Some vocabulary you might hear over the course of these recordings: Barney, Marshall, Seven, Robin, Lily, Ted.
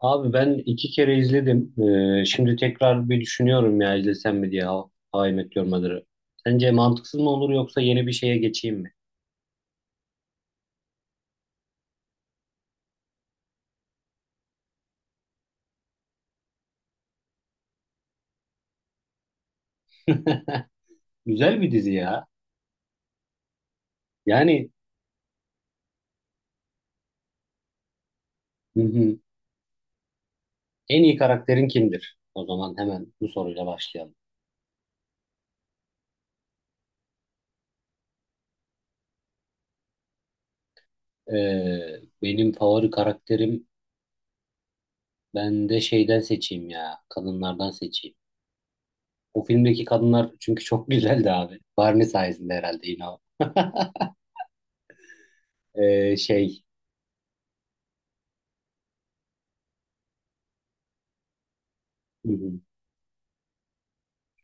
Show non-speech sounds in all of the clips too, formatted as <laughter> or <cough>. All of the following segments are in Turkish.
Abi ben iki kere izledim. Şimdi tekrar bir düşünüyorum ya izlesem mi diye How I Met Your Mother'ı. Sence mantıksız mı olur yoksa yeni bir şeye geçeyim mi? <laughs> Güzel bir dizi ya. Yani hı hı. En iyi karakterin kimdir? O zaman hemen bu soruyla başlayalım. Benim favori karakterim ben de şeyden seçeyim ya. Kadınlardan seçeyim. O filmdeki kadınlar çünkü çok güzeldi abi. Barney sayesinde herhalde yine o. Ee, şey hı hı.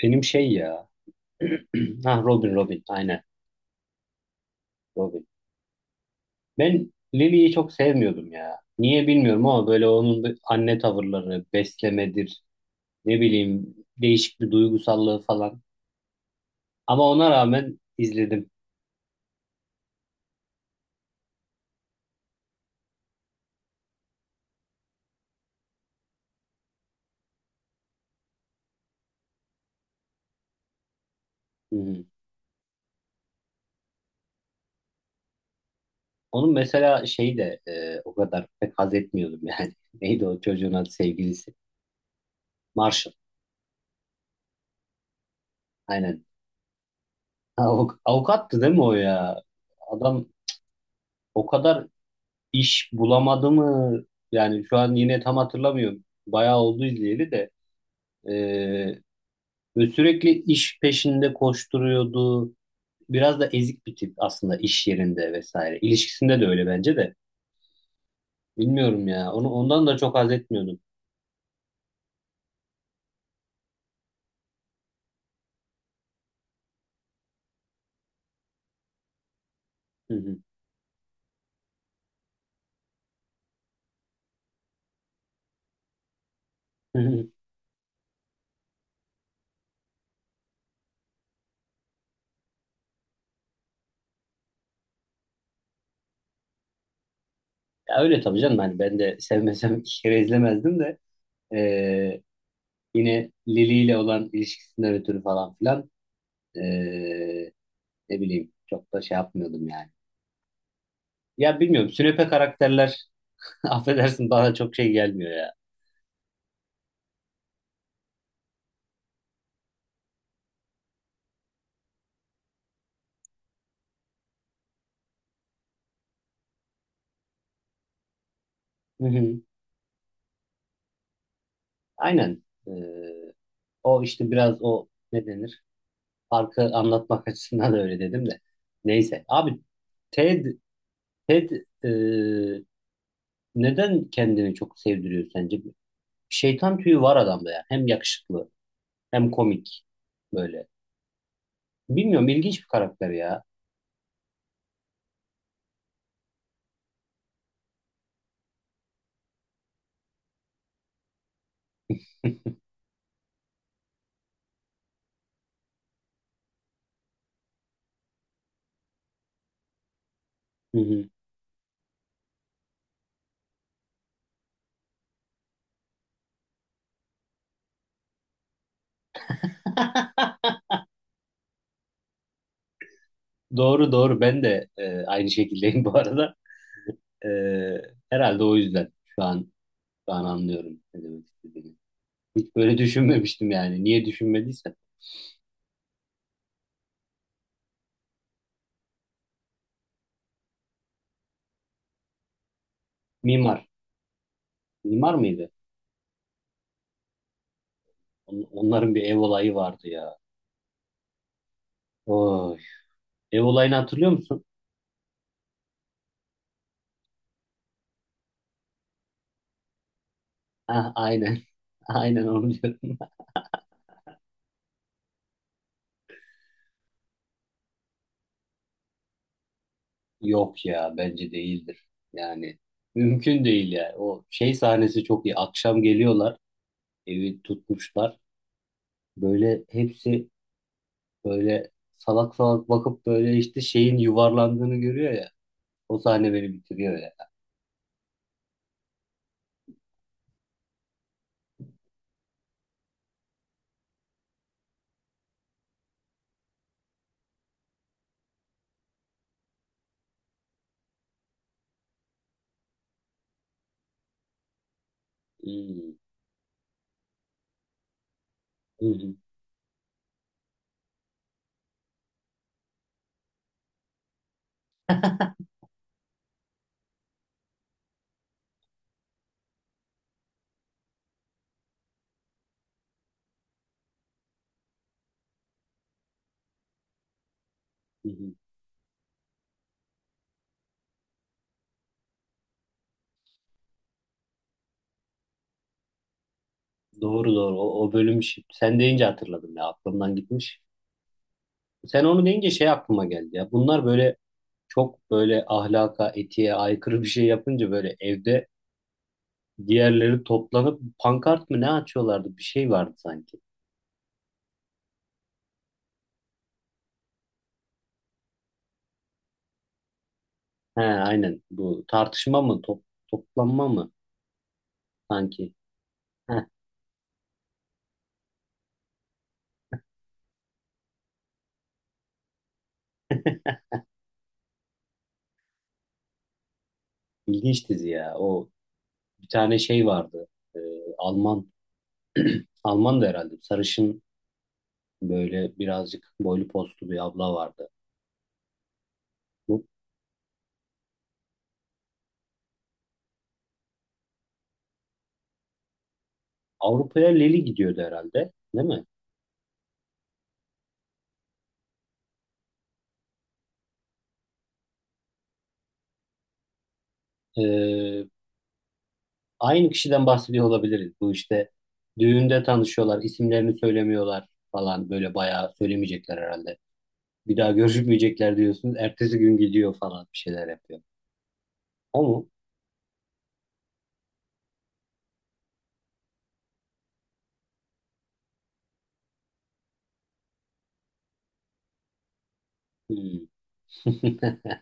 Benim şey ya. <clears throat> Ha Robin aynen Robin. Ben Lily'yi çok sevmiyordum ya. Niye bilmiyorum ama böyle onun bir anne tavırları, beslemedir, ne bileyim değişik bir duygusallığı falan. Ama ona rağmen izledim. Hı hı. Onun mesela şey de o kadar pek haz etmiyordum yani. <laughs> Neydi o çocuğun adı sevgilisi? Marshall. Aynen. Avukattı değil mi o ya? Adam o kadar iş bulamadı mı? Yani şu an yine tam hatırlamıyorum. Bayağı oldu izleyeli de. Ee, Ve sürekli iş peşinde koşturuyordu. Biraz da ezik bir tip aslında iş yerinde vesaire. İlişkisinde de öyle bence de. Bilmiyorum ya. Onu ondan da çok haz etmiyordum. Hı hı. Hı hı. Ya öyle tabii canım. Hani ben de <laughs> sevmesem iki kere izlemezdim de. Ee, Yine Lili ile olan ilişkisinden ötürü falan filan. ee, Ne bileyim. Çok da şey yapmıyordum yani. Ya bilmiyorum. Sünepe karakterler <laughs> affedersin bana çok şey gelmiyor ya. Hı hı. Aynen. O işte biraz o ne denir? Farkı anlatmak açısından da öyle dedim de. Neyse. Abi Ted, Ted e, neden kendini çok sevdiriyor sence? Şeytan tüyü var adamda ya. Hem yakışıklı hem komik böyle. Bilmiyorum ilginç bir karakter ya. <laughs> Hı hı. Doğru doğru ben de aynı şekildeyim bu arada. E, Herhalde o yüzden şu an anlıyorum ne demek istediğini. Hiç böyle düşünmemiştim yani. Niye düşünmediysem. Mimar. Mimar mıydı? Onların bir ev olayı vardı ya. Oy. Ev olayını hatırlıyor musun? Ah, aynen. <laughs> Aynen onu diyorum. <laughs> Yok ya bence değildir. Yani mümkün değil ya. O şey sahnesi çok iyi. Akşam geliyorlar. Evi tutmuşlar. Böyle hepsi böyle salak salak bakıp böyle işte şeyin yuvarlandığını görüyor ya. O sahne beni bitiriyor ya. Hmm. Hı hı, hı hı. Doğru doğru. O bölüm sen deyince hatırladım ya. Aklımdan gitmiş. Sen onu deyince şey aklıma geldi ya. Bunlar böyle çok böyle ahlaka, etiğe aykırı bir şey yapınca böyle evde diğerleri toplanıp pankart mı ne açıyorlardı? Bir şey vardı sanki. He, aynen bu tartışma mı toplanma mı sanki? Heh, ilginç dizi ya. <laughs> O bir tane şey vardı. Ee, Alman Alman da herhalde sarışın böyle birazcık boylu postlu bir abla vardı. Bu Avrupa'ya Leli gidiyordu herhalde, değil mi? Ee, Aynı kişiden bahsediyor olabiliriz. Bu işte düğünde tanışıyorlar, isimlerini söylemiyorlar falan böyle bayağı söylemeyecekler herhalde. Bir daha görüşmeyecekler diyorsun. Ertesi gün gidiyor falan bir şeyler yapıyor. O mu? Hmm. <laughs>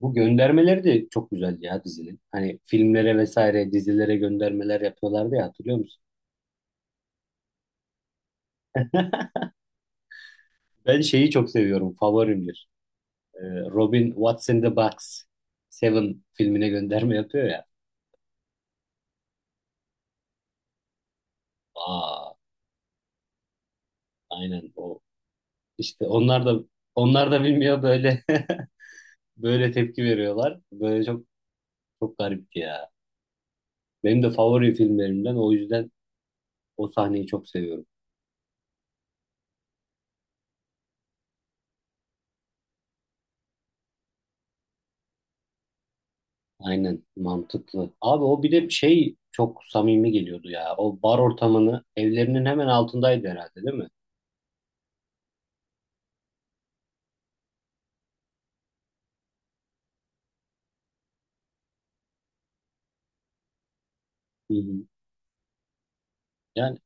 Bu göndermeleri de çok güzeldi ya dizinin. Hani filmlere vesaire dizilere göndermeler yapıyorlardı ya hatırlıyor musun? <laughs> Ben şeyi çok seviyorum. Favorimdir. Ee, Robin What's in the Box? Seven filmine gönderme yapıyor ya. Aa, aynen o İşte onlar da bilmiyor böyle <laughs> böyle tepki veriyorlar. Böyle çok garipti ya. Benim de favori filmlerimden o yüzden o sahneyi çok seviyorum. Aynen mantıklı. Abi o bir de şey çok samimi geliyordu ya. O bar ortamını evlerinin hemen altındaydı herhalde değil mi? Hı hı. Yani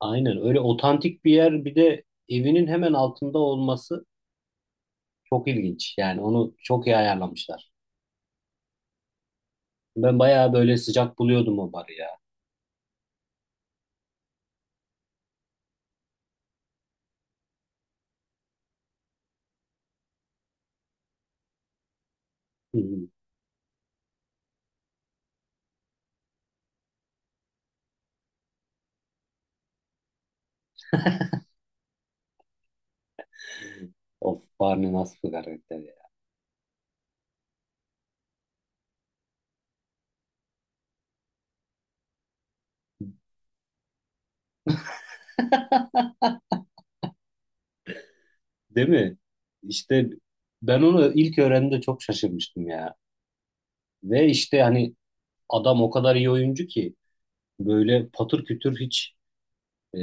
aynen öyle otantik bir yer bir de evinin hemen altında olması çok ilginç. Yani onu çok iyi ayarlamışlar. Ben bayağı böyle sıcak buluyordum o barı ya. Hı hı. Of Barney nasıl bir karakter ya. Değil mi? İşte ben onu ilk öğrendiğimde çok şaşırmıştım ya. Ve işte hani adam o kadar iyi oyuncu ki böyle patır kütür hiç e,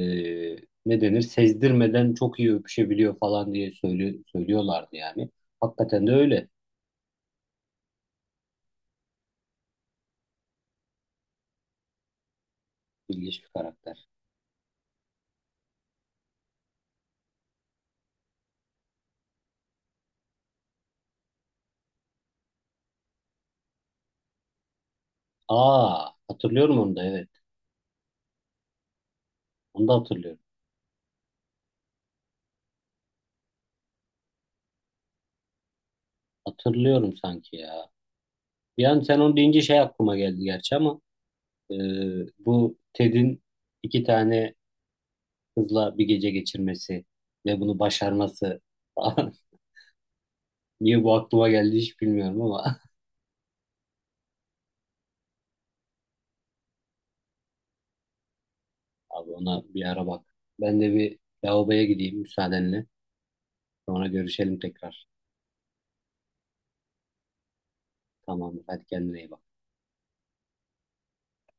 ne denir sezdirmeden çok iyi öpüşebiliyor falan diye söylüyorlardı yani. Hakikaten de öyle. İlginç bir karakter. Aa hatırlıyorum onu da evet. Onu da hatırlıyorum. Hatırlıyorum sanki ya. Bir an sen onu deyince şey aklıma geldi gerçi ama e, bu Ted'in iki tane kızla bir gece geçirmesi ve bunu başarması falan. <laughs> Niye bu aklıma geldi hiç bilmiyorum ama <laughs> abi ona bir ara bak. Ben de bir lavaboya gideyim müsaadenle. Sonra görüşelim tekrar. Tamam, hadi kendine iyi bak.